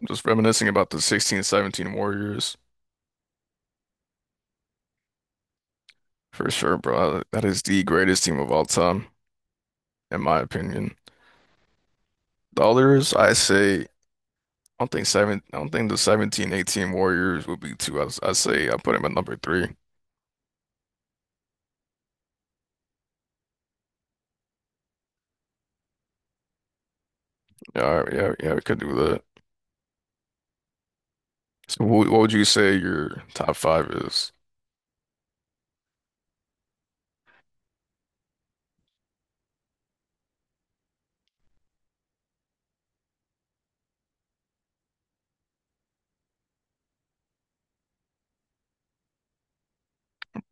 I'm just reminiscing about the 16-17 Warriors for sure, bro. That is the greatest team of all time, in my opinion. The others, I say, I don't think seven. I don't think the 17-18 Warriors would be two. I say I put them at number three. Yeah, all right, yeah, yeah. We could do that. So, what would you say your top five is,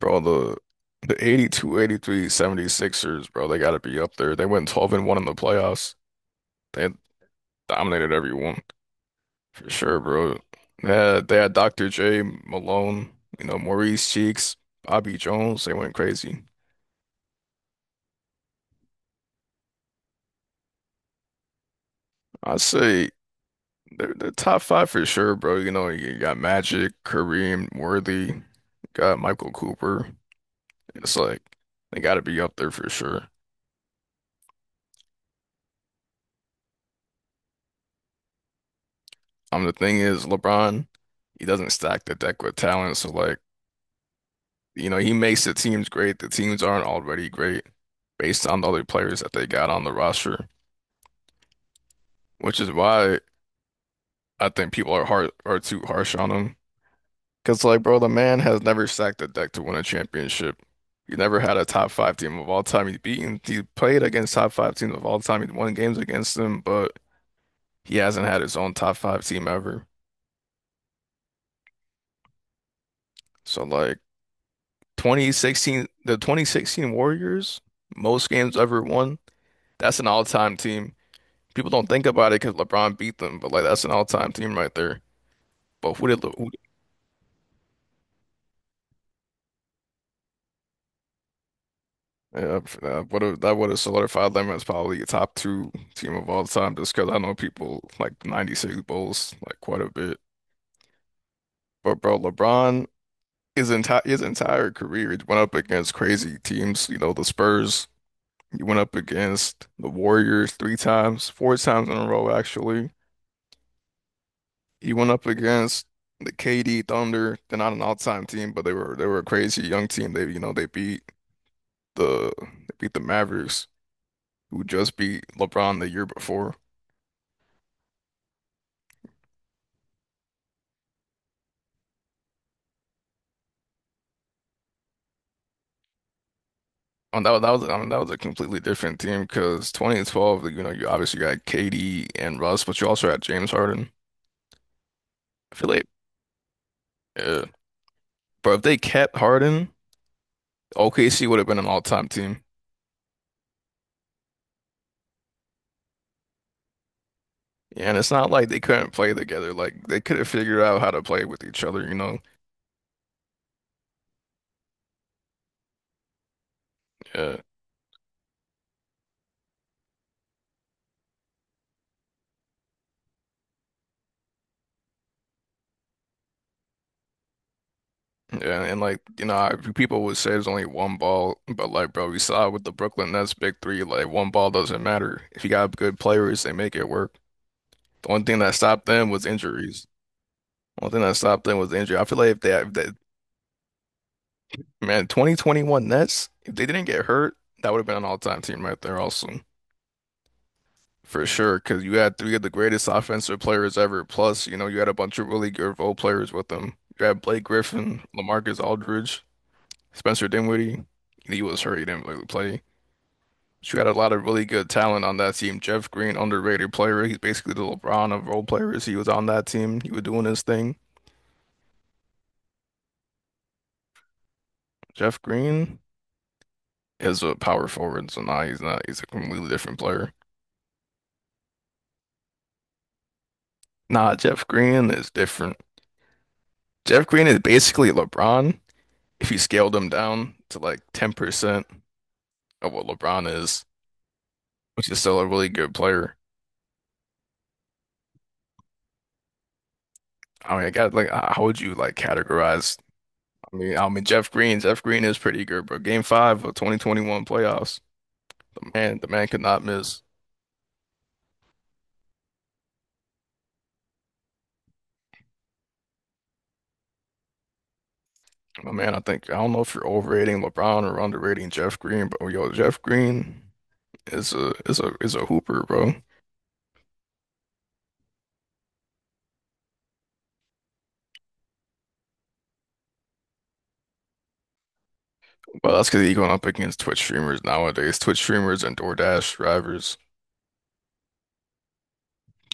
bro? The 82, 83, 76ers, bro. They got to be up there. They went 12 and one in the playoffs. They dominated everyone. For sure, bro. They had Dr. J, Malone, Maurice Cheeks, Bobby Jones. They went crazy. I'd say they're top five for sure, bro. You got Magic, Kareem, Worthy, got Michael Cooper. It's like they got to be up there for sure. The thing is, LeBron, he doesn't stack the deck with talent. So, like, he makes the teams great. The teams aren't already great based on the other players that they got on the roster, which is why. I think people are too harsh on him. Cause like, bro, the man has never sacked a deck to win a championship. He never had a top five team of all time. He's beaten. He played against top five teams of all time. He won games against them, but he hasn't had his own top five team ever. So like 2016, the 2016 Warriors, most games ever won. That's an all-time team. People don't think about it because LeBron beat them, but like that's an all-time team right there. But who did who. Yeah, that would have solidified them as probably a top two team of all time, just because I know people like '96 Bulls like quite a bit. But bro, LeBron his entire career he went up against crazy teams. The Spurs. He went up against the Warriors three times, four times in a row actually. He went up against the KD Thunder. They're not an all-time team, but they were a crazy young team. They they beat the Mavericks, who just beat LeBron the year before. Oh, that was I mean, that was a completely different team because 2012, you obviously got KD and Russ, but you also had James Harden. I feel like, yeah. But if they kept Harden, OKC would have been an all-time team. Yeah, and it's not like they couldn't play together. Like they could have figured out how to play with each other. Yeah, yeah, and like people would say there's only one ball, but like, bro, we saw with the Brooklyn Nets big three, like one ball doesn't matter. If you got good players, they make it work. The only thing that stopped them was injuries. One thing that stopped them was the injury. I feel like if they man, 2021 Nets, if they didn't get hurt, that would have been an all-time team right there also. For sure, because you had three of the greatest offensive players ever. Plus, you had a bunch of really good role players with them. You had Blake Griffin, LaMarcus Aldridge, Spencer Dinwiddie. He was hurt, he didn't really play. But you had a lot of really good talent on that team. Jeff Green, underrated player. He's basically the LeBron of role players. He was on that team. He was doing his thing. Jeff Green as a power forward, so now he's not. He's a completely different player. Nah, Jeff Green is different. Jeff Green is basically LeBron if you scaled him down to like 10% of what LeBron is, which is still a really good player. I mean, I got like, how would you like categorize? I mean Jeff Green. Jeff Green is pretty good, bro. Game five of 2021 playoffs. The man could not miss. My man, I think I don't know if you're overrating LeBron or underrating Jeff Green, but yo, Jeff Green is a hooper, bro. Well, that's because he's going up against Twitch streamers nowadays. Twitch streamers and DoorDash drivers.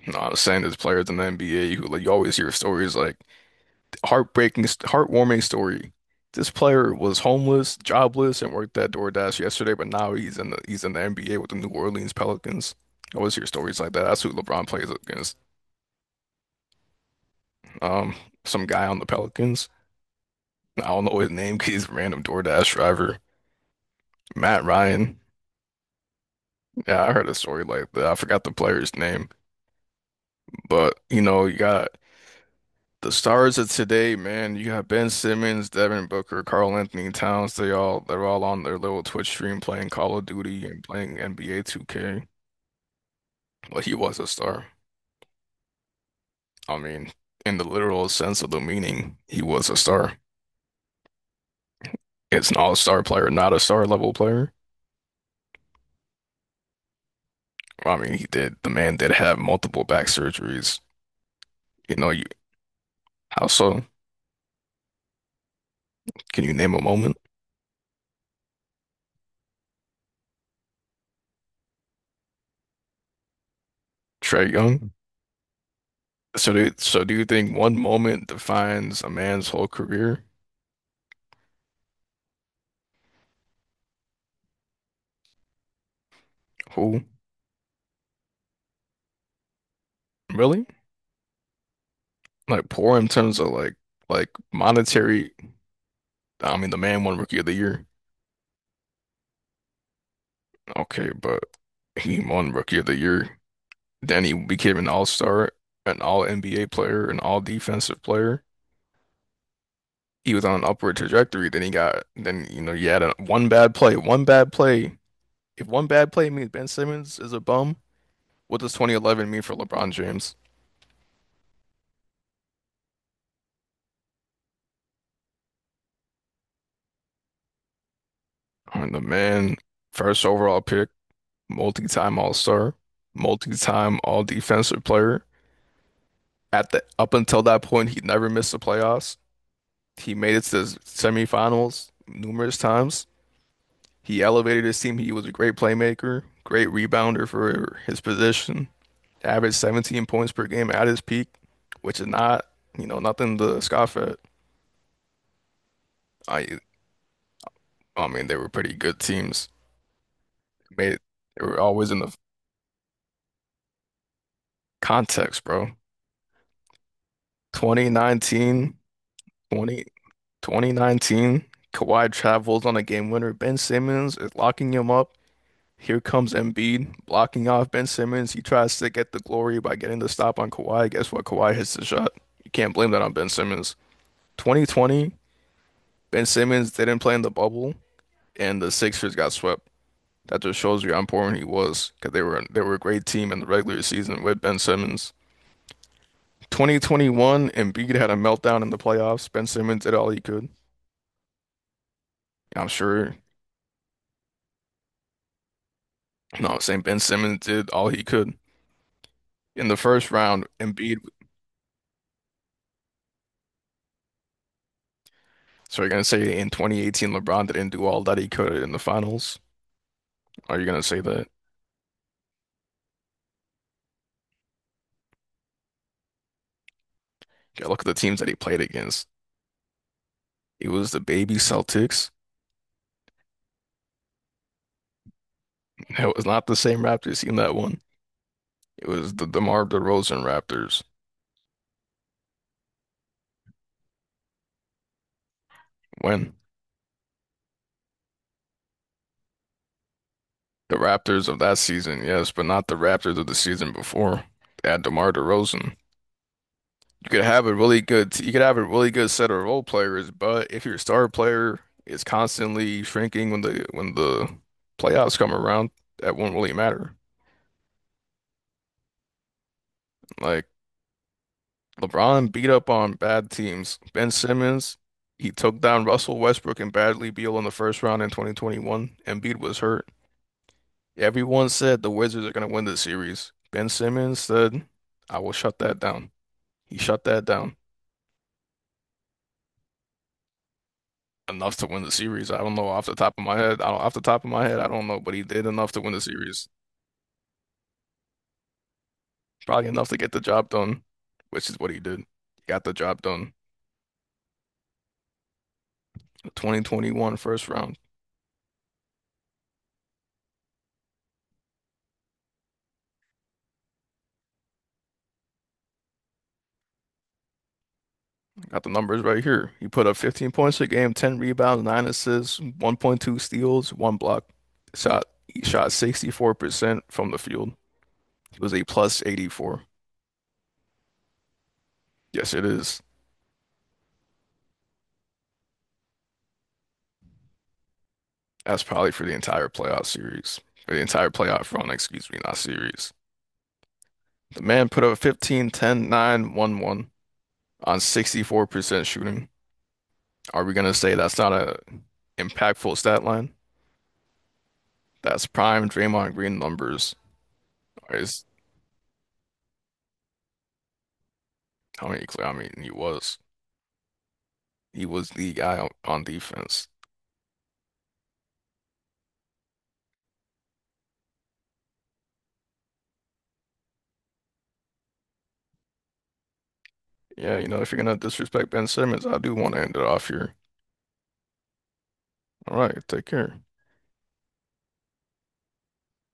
No, I was saying there's players in the NBA who like you always hear stories like heartbreaking, heartwarming story. This player was homeless, jobless, and worked at DoorDash yesterday, but now he's in the NBA with the New Orleans Pelicans. I always hear stories like that. That's who LeBron plays against. Um, some guy on the Pelicans. I don't know his name because he's a random DoorDash driver. Matt Ryan. Yeah, I heard a story like that. I forgot the player's name, but you got. The stars of today, man, you got Ben Simmons, Devin Booker, Karl Anthony Towns. They're all on their little Twitch stream playing Call of Duty and playing NBA 2K. Well, he was a star. I mean, in the literal sense of the meaning, he was a star. It's an all-star player, not a star level player. I mean, he did. The man did have multiple back surgeries. You know, you. How so? Can you name a moment? Trey Young. So do you think one moment defines a man's whole career? Who? Really? Like poor in terms of like monetary. I mean, the man won Rookie of the Year. Okay, but he won Rookie of the Year. Then he became an All-Star, an All-NBA player, an All-Defensive player. He was on an upward trajectory. Then he got, then you had one bad play, one bad play. If one bad play means Ben Simmons is a bum, what does 2011 mean for LeBron James? I mean, the man, first overall pick, multi-time All-Star, multi-time All-Defensive player at the up until that point, he never missed the playoffs. He made it to the semifinals numerous times. He elevated his team. He was a great playmaker, great rebounder for his position. Averaged 17 points per game at his peak, which is not, nothing to scoff at. I, I mean, they were pretty good teams. Made it, they were always in the context, bro. 2019, 20 2019. Kawhi travels on a game winner. Ben Simmons is locking him up. Here comes Embiid blocking off Ben Simmons. He tries to get the glory by getting the stop on Kawhi. Guess what? Kawhi hits the shot. You can't blame that on Ben Simmons. 2020, Ben Simmons didn't play in the bubble, and the Sixers got swept. That just shows you how important he was because they were a great team in the regular season with Ben Simmons. 2021, Embiid had a meltdown in the playoffs. Ben Simmons did all he could. I'm sure, no, I'm saying Ben Simmons did all he could. In the first round, Embiid. So you're gonna say in 2018 LeBron didn't do all that he could in the finals? Are you gonna say that? Yeah, look at the teams that he played against. It was the baby Celtics. It was not the same Raptors team that won. It was the DeMar DeRozan Raptors. When? The Raptors of that season, yes, but not the Raptors of the season before. They had DeMar DeRozan. You could have a really good, you could have a really good set of role players, but if your star player is constantly shrinking when the playoffs come around, that won't really matter. Like. LeBron beat up on bad teams. Ben Simmons, he took down Russell Westbrook and Bradley Beal in the first round in 2021. Embiid was hurt. Everyone said the Wizards are going to win this series. Ben Simmons said, I will shut that down. He shut that down enough to win the series. I don't know off the top of my head. I don't, off the top of my head, I don't know, but he did enough to win the series. Probably enough to get the job done, which is what he did. He got the job done. 2021 first round. Got the numbers right here. He put up 15 points a game, 10 rebounds, 9 assists, 1.2 steals, 1 block. Shot he shot 64% from the field. It was a plus 84. Yes, it is. That's probably for the entire playoff series. For the entire playoff run, excuse me, not series. The man put up 15, 10, 9, 1, 1 on 64% shooting. Are we gonna say that's not a impactful stat line? That's prime Draymond Green numbers. Is how many clear, I mean, he was. He was the guy on defense. Yeah, if you're gonna disrespect Ben Simmons, I do want to end it off here. All right, take care.